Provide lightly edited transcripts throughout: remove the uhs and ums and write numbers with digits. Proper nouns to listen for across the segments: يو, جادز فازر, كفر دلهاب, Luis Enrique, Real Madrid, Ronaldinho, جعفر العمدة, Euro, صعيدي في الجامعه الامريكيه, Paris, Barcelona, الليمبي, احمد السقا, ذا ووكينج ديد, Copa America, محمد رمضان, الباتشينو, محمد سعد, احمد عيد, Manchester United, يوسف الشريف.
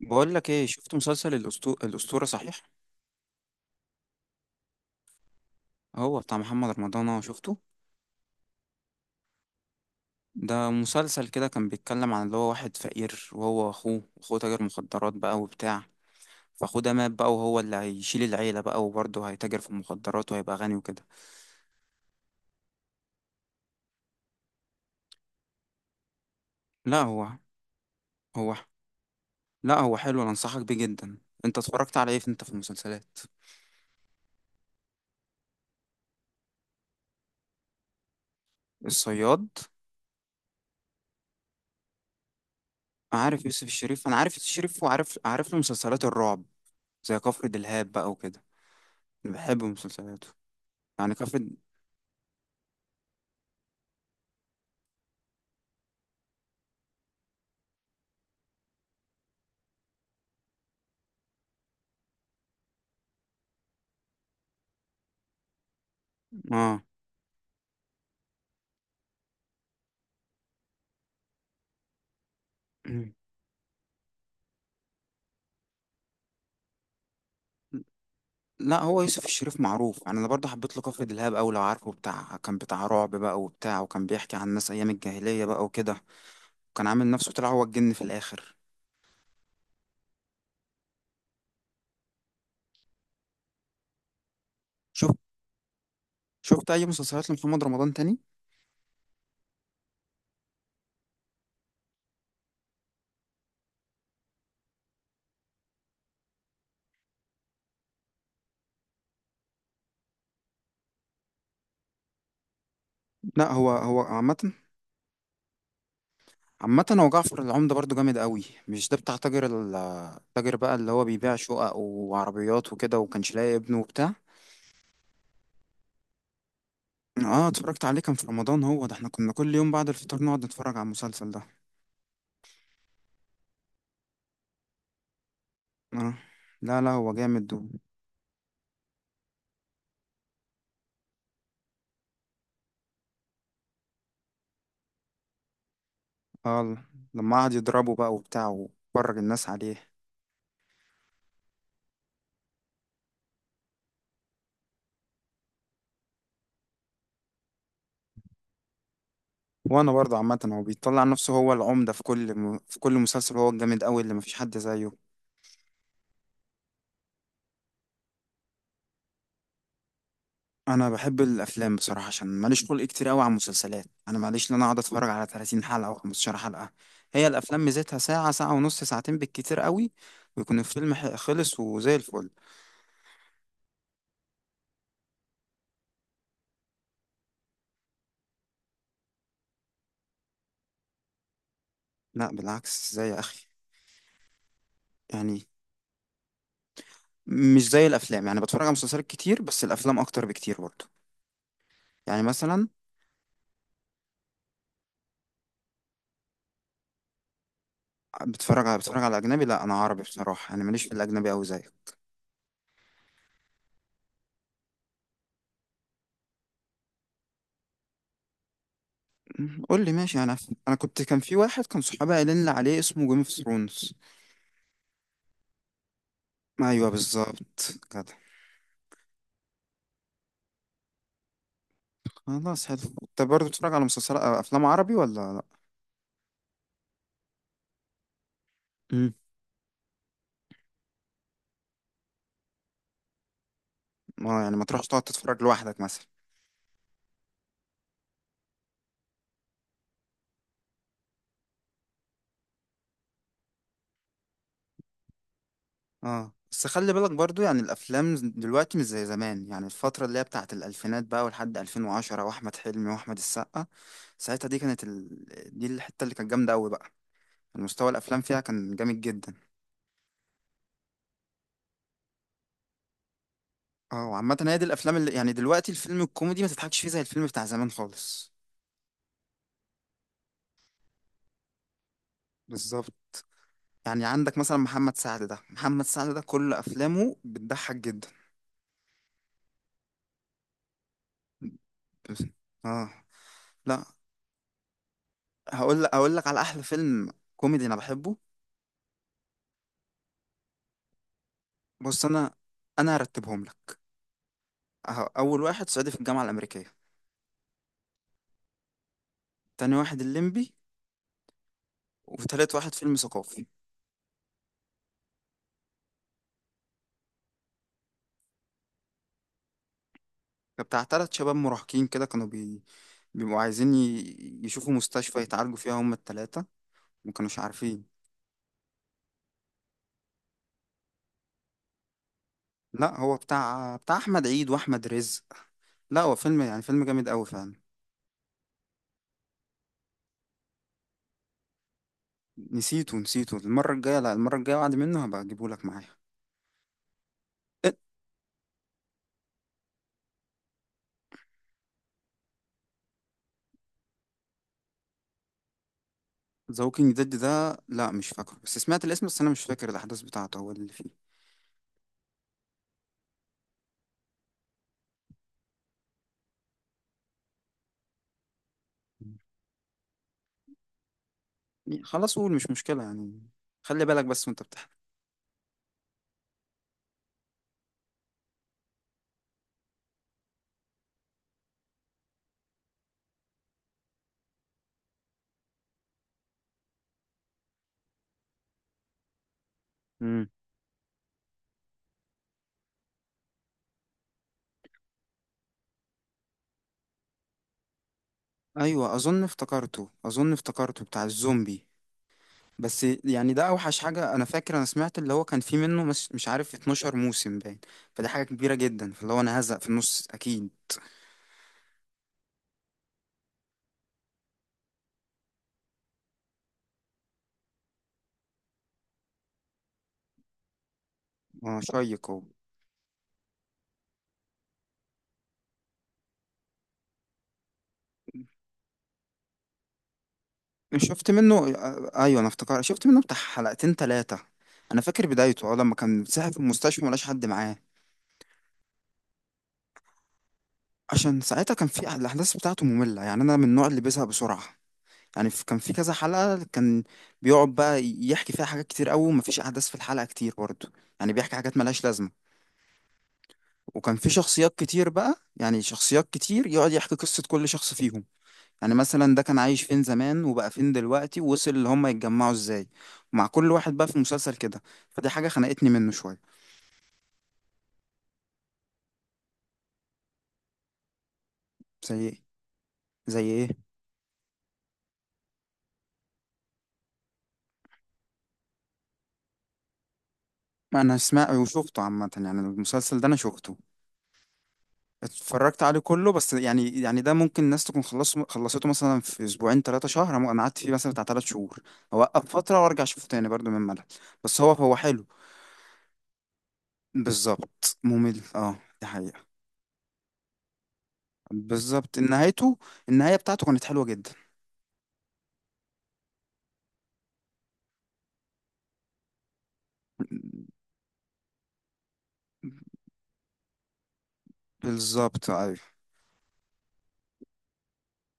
بقول لك ايه، شفت مسلسل الأسطورة؟ صحيح هو بتاع محمد رمضان، اهو شفته. ده مسلسل كده كان بيتكلم عن اللي هو واحد فقير، وهو واخوه، واخوه تاجر مخدرات بقى وبتاع. فاخوه ده مات بقى، وهو اللي هيشيل العيلة بقى، وبرضه هيتاجر في المخدرات وهيبقى غني وكده. لا هو لا، هو حلو، انا انصحك بيه جدا. انت اتفرجت على ايه انت في المسلسلات؟ الصياد؟ عارف يوسف الشريف، انا عارف يوسف الشريف، وعارف له مسلسلات الرعب زي كفر دلهاب بقى وكده. أنا بحب مسلسلاته، يعني اه. لا، هو يوسف الشريف معروف يعني، انا برضه حبيت له كفر دلهاب أوي لو عارفه، بتاع كان بتاع رعب بقى وبتاع، وكان بيحكي عن الناس ايام الجاهليه بقى وكده، وكان عامل نفسه طلع هو الجن في الاخر. شوف، شفت اي مسلسلات لمحمد رمضان تاني؟ لا هو عامه. عامه هو جعفر العمدة برضه جامد أوي، مش ده بتاع تاجر التاجر بقى اللي هو بيبيع شقق وعربيات وكده، وكانش لاقي ابنه وبتاع. اه، اتفرجت عليه، كان في رمضان، هو ده احنا كنا كل يوم بعد الفطار نقعد نتفرج على المسلسل ده. اه. لا، هو جامد. اه، لما قعد يضربه بقى وبتاع وفرج الناس عليه. وانا برضه عامه هو بيطلع نفسه هو العمده في كل في كل مسلسل، هو الجامد قوي اللي مفيش حد زيه. انا بحب الافلام بصراحه، عشان ماليش خلق كتير قوي على المسلسلات، انا ماليش ان انا اقعد اتفرج على 30 حلقه او 15 حلقه. هي الافلام ميزتها ساعه، ساعه ونص، ساعتين بالكتير قوي، ويكون الفيلم خلص وزي الفل. لا بالعكس زي يا اخي. يعني مش زي الافلام، يعني بتفرج على مسلسلات كتير، بس الافلام اكتر بكتير برضه. يعني مثلا بتتفرج على اجنبي؟ لا، انا عربي بصراحه، انا ماليش في الاجنبي قوي زيك. قول لي، ماشي. انا كان في واحد كان صحابي قايلين لي عليه، اسمه جيم اوف ثرونز. ايوه، بالظبط كده. خلاص، حلو. انت برضه بتتفرج على مسلسلات افلام عربي ولا لا؟ امم. ما يعني ما تروحش تقعد تتفرج لوحدك مثلا؟ اه، بس خلي بالك برضو، يعني الافلام دلوقتي مش زي زمان، يعني الفتره اللي هي بتاعت الالفينات بقى ولحد 2010، واحمد حلمي واحمد السقا، ساعتها دي الحته اللي كانت جامده قوي بقى، المستوى الافلام فيها كان جامد جدا. اه وعامة هي دي الافلام اللي يعني، دلوقتي الفيلم الكوميدي ما تضحكش فيه زي الفيلم بتاع زمان خالص. بالظبط. يعني عندك مثلا محمد سعد، ده محمد سعد كل افلامه بتضحك جدا. بس- اه. لا، هقول لك على احلى فيلم كوميدي انا بحبه. بص انا، انا هرتبهم لك. اول واحد صعيدي في الجامعه الامريكيه. تاني واحد الليمبي. وتالت واحد فيلم ثقافي. ده بتاع تلات شباب مراهقين كده، كانوا بيبقوا عايزين يشوفوا مستشفى يتعالجوا فيها هما التلاتة، وما كانوش عارفين. لا، هو بتاع احمد عيد واحمد رزق، لا هو فيلم، يعني فيلم جامد قوي فعلا. نسيته، المره الجايه، لا المره الجايه بعد منه هبقى اجيبه لك معايا. ذا ووكينج ديد ده؟ لا مش فاكره، بس سمعت الاسم، بس انا مش فاكر الاحداث بتاعته هو اللي فيه. يعني خلاص قول مش مشكله يعني، خلي بالك بس وانت بتحكي. امم. ايوه، اظن افتكرته بتاع الزومبي. بس يعني ده اوحش حاجه، انا فاكر انا سمعت اللي هو كان فيه منه مش عارف 12 موسم باين، فدي حاجه كبيره جدا، فاللي هو انا هزق في النص اكيد. اه، شيق هو. شفت منه ايوه انا افتكر شفت منه بتاع حلقتين ثلاثه، انا فاكر بدايته، اه لما كان ساعة في المستشفى ملاش حد معاه. عشان ساعتها كان في الاحداث بتاعته ممله، يعني انا من النوع اللي بيزهق بسرعه، يعني كان في كذا حلقه، كان بيقعد بقى يحكي فيها حاجات كتير قوي، ومفيش احداث في الحلقه كتير برضه، يعني بيحكي حاجات ملهاش لازمه، وكان في شخصيات كتير بقى، يعني شخصيات كتير، يقعد يحكي قصه كل شخص فيهم، يعني مثلا ده كان عايش فين زمان وبقى فين دلوقتي، ووصل اللي هم يتجمعوا ازاي، مع كل واحد بقى في المسلسل كده، فدي حاجة خنقتني منه شوية. زي ايه؟ زي ايه؟ ما انا سمعت وشفته عامة، يعني المسلسل ده انا شفته، اتفرجت عليه كله، بس يعني ده ممكن الناس تكون خلصته مثلا في اسبوعين ثلاثة شهر، انا قعدت فيه مثلا بتاع 3 شهور، اوقف فترة وارجع اشوفه تاني برضو من ملل، بس هو حلو. بالظبط، ممل، اه دي حقيقة. بالظبط نهايته، النهاية بتاعته كانت حلوة جدا. بالظبط ايوه.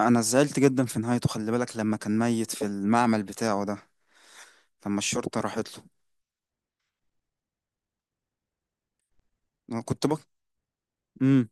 انا زعلت جدا في نهايته، خلي بالك لما كان ميت في المعمل بتاعه ده، لما الشرطة راحت له. انا كنت بك امم.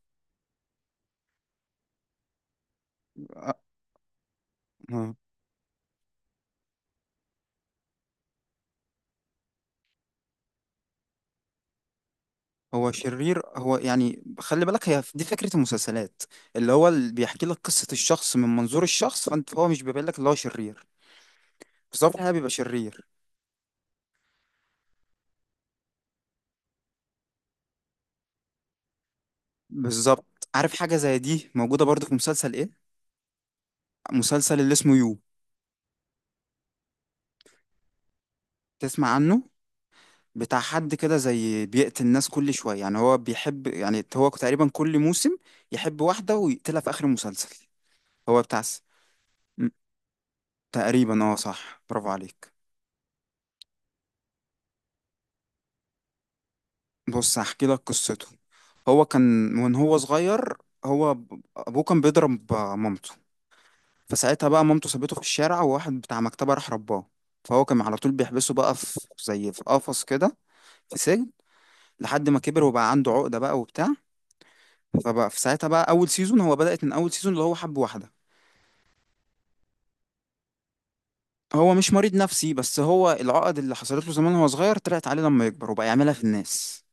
هو شرير هو، يعني خلي بالك، هي دي فكرة المسلسلات، اللي هو اللي بيحكي لك قصة الشخص من منظور الشخص، فانت هو مش بيبين لك اللي هو شرير، بس هو في الحقيقة بيبقى شرير. بالظبط. عارف حاجة زي دي موجودة برضه في مسلسل ايه؟ مسلسل اللي اسمه يو. تسمع عنه؟ بتاع حد كده زي بيقتل الناس كل شوية، يعني هو بيحب، يعني هو تقريبا كل موسم يحب واحدة ويقتلها في آخر المسلسل. هو بتاع م- تقريبا اه صح، برافو عليك. بص هحكي لك قصته. هو كان وان هو صغير، هو ابوه كان بيضرب مامته، فساعتها بقى مامته سابته في الشارع، وواحد بتاع مكتبة راح رباه، فهو كان على طول بيحبسه بقى في زي في قفص كده، في سجن، لحد ما كبر وبقى عنده عقدة بقى وبتاع، فبقى في ساعتها بقى اول سيزون، هو بدأت من اول سيزون اللي هو حب واحدة. هو مش مريض نفسي، بس هو العقد اللي حصلت له زمان وهو صغير طلعت عليه لما يكبر وبقى يعملها في الناس.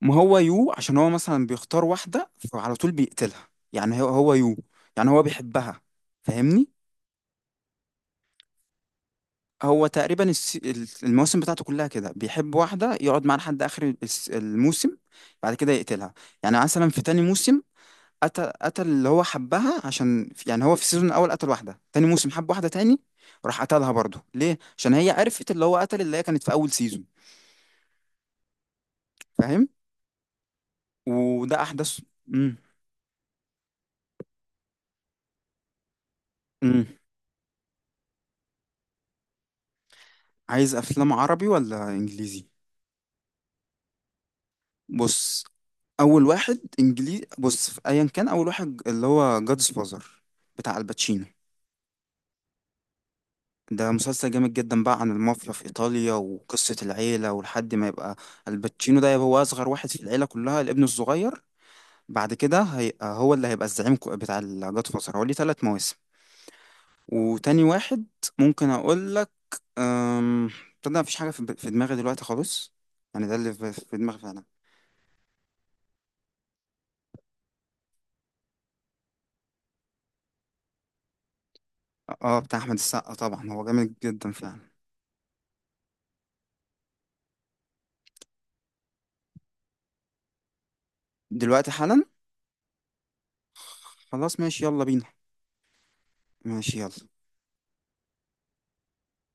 ما هو يو عشان هو مثلا بيختار واحدة فعلى طول بيقتلها، يعني هو يو، يعني هو بيحبها، فاهمني؟ هو تقريبا المواسم بتاعته كلها كده بيحب واحدة يقعد معاها لحد آخر الموسم، بعد كده يقتلها. يعني مثلا في تاني موسم، قتل اللي هو حبها، عشان يعني هو في السيزون الأول قتل واحدة، تاني موسم حب واحدة تاني، راح قتلها برضه، ليه؟ عشان هي عرفت اللي هو قتل اللي هي كانت في أول سيزون، فاهم؟ وده احدث. امم. امم. عايز افلام عربي ولا انجليزي؟ بص، اول واحد انجليزي، بص في ايا كان، اول واحد اللي هو جادز فازر، بتاع الباتشينو. ده مسلسل جامد جدا بقى عن المافيا في ايطاليا، وقصة العيلة ولحد ما يبقى الباتشينو ده يبقى هو اصغر واحد في العيلة كلها، الابن الصغير، بعد كده هيبقى هو اللي هيبقى الزعيم، بتاع الجاد فازر هو ليه 3 مواسم. وتاني واحد ممكن اقول لك أم... تصدق مفيش حاجه في دماغي دلوقتي خالص، يعني ده اللي في دماغي فعلا. اه بتاع احمد السقا طبعا، هو جامد جدا فعلا. دلوقتي حالا؟ خلاص ماشي، يلا بينا. ماشي يلا.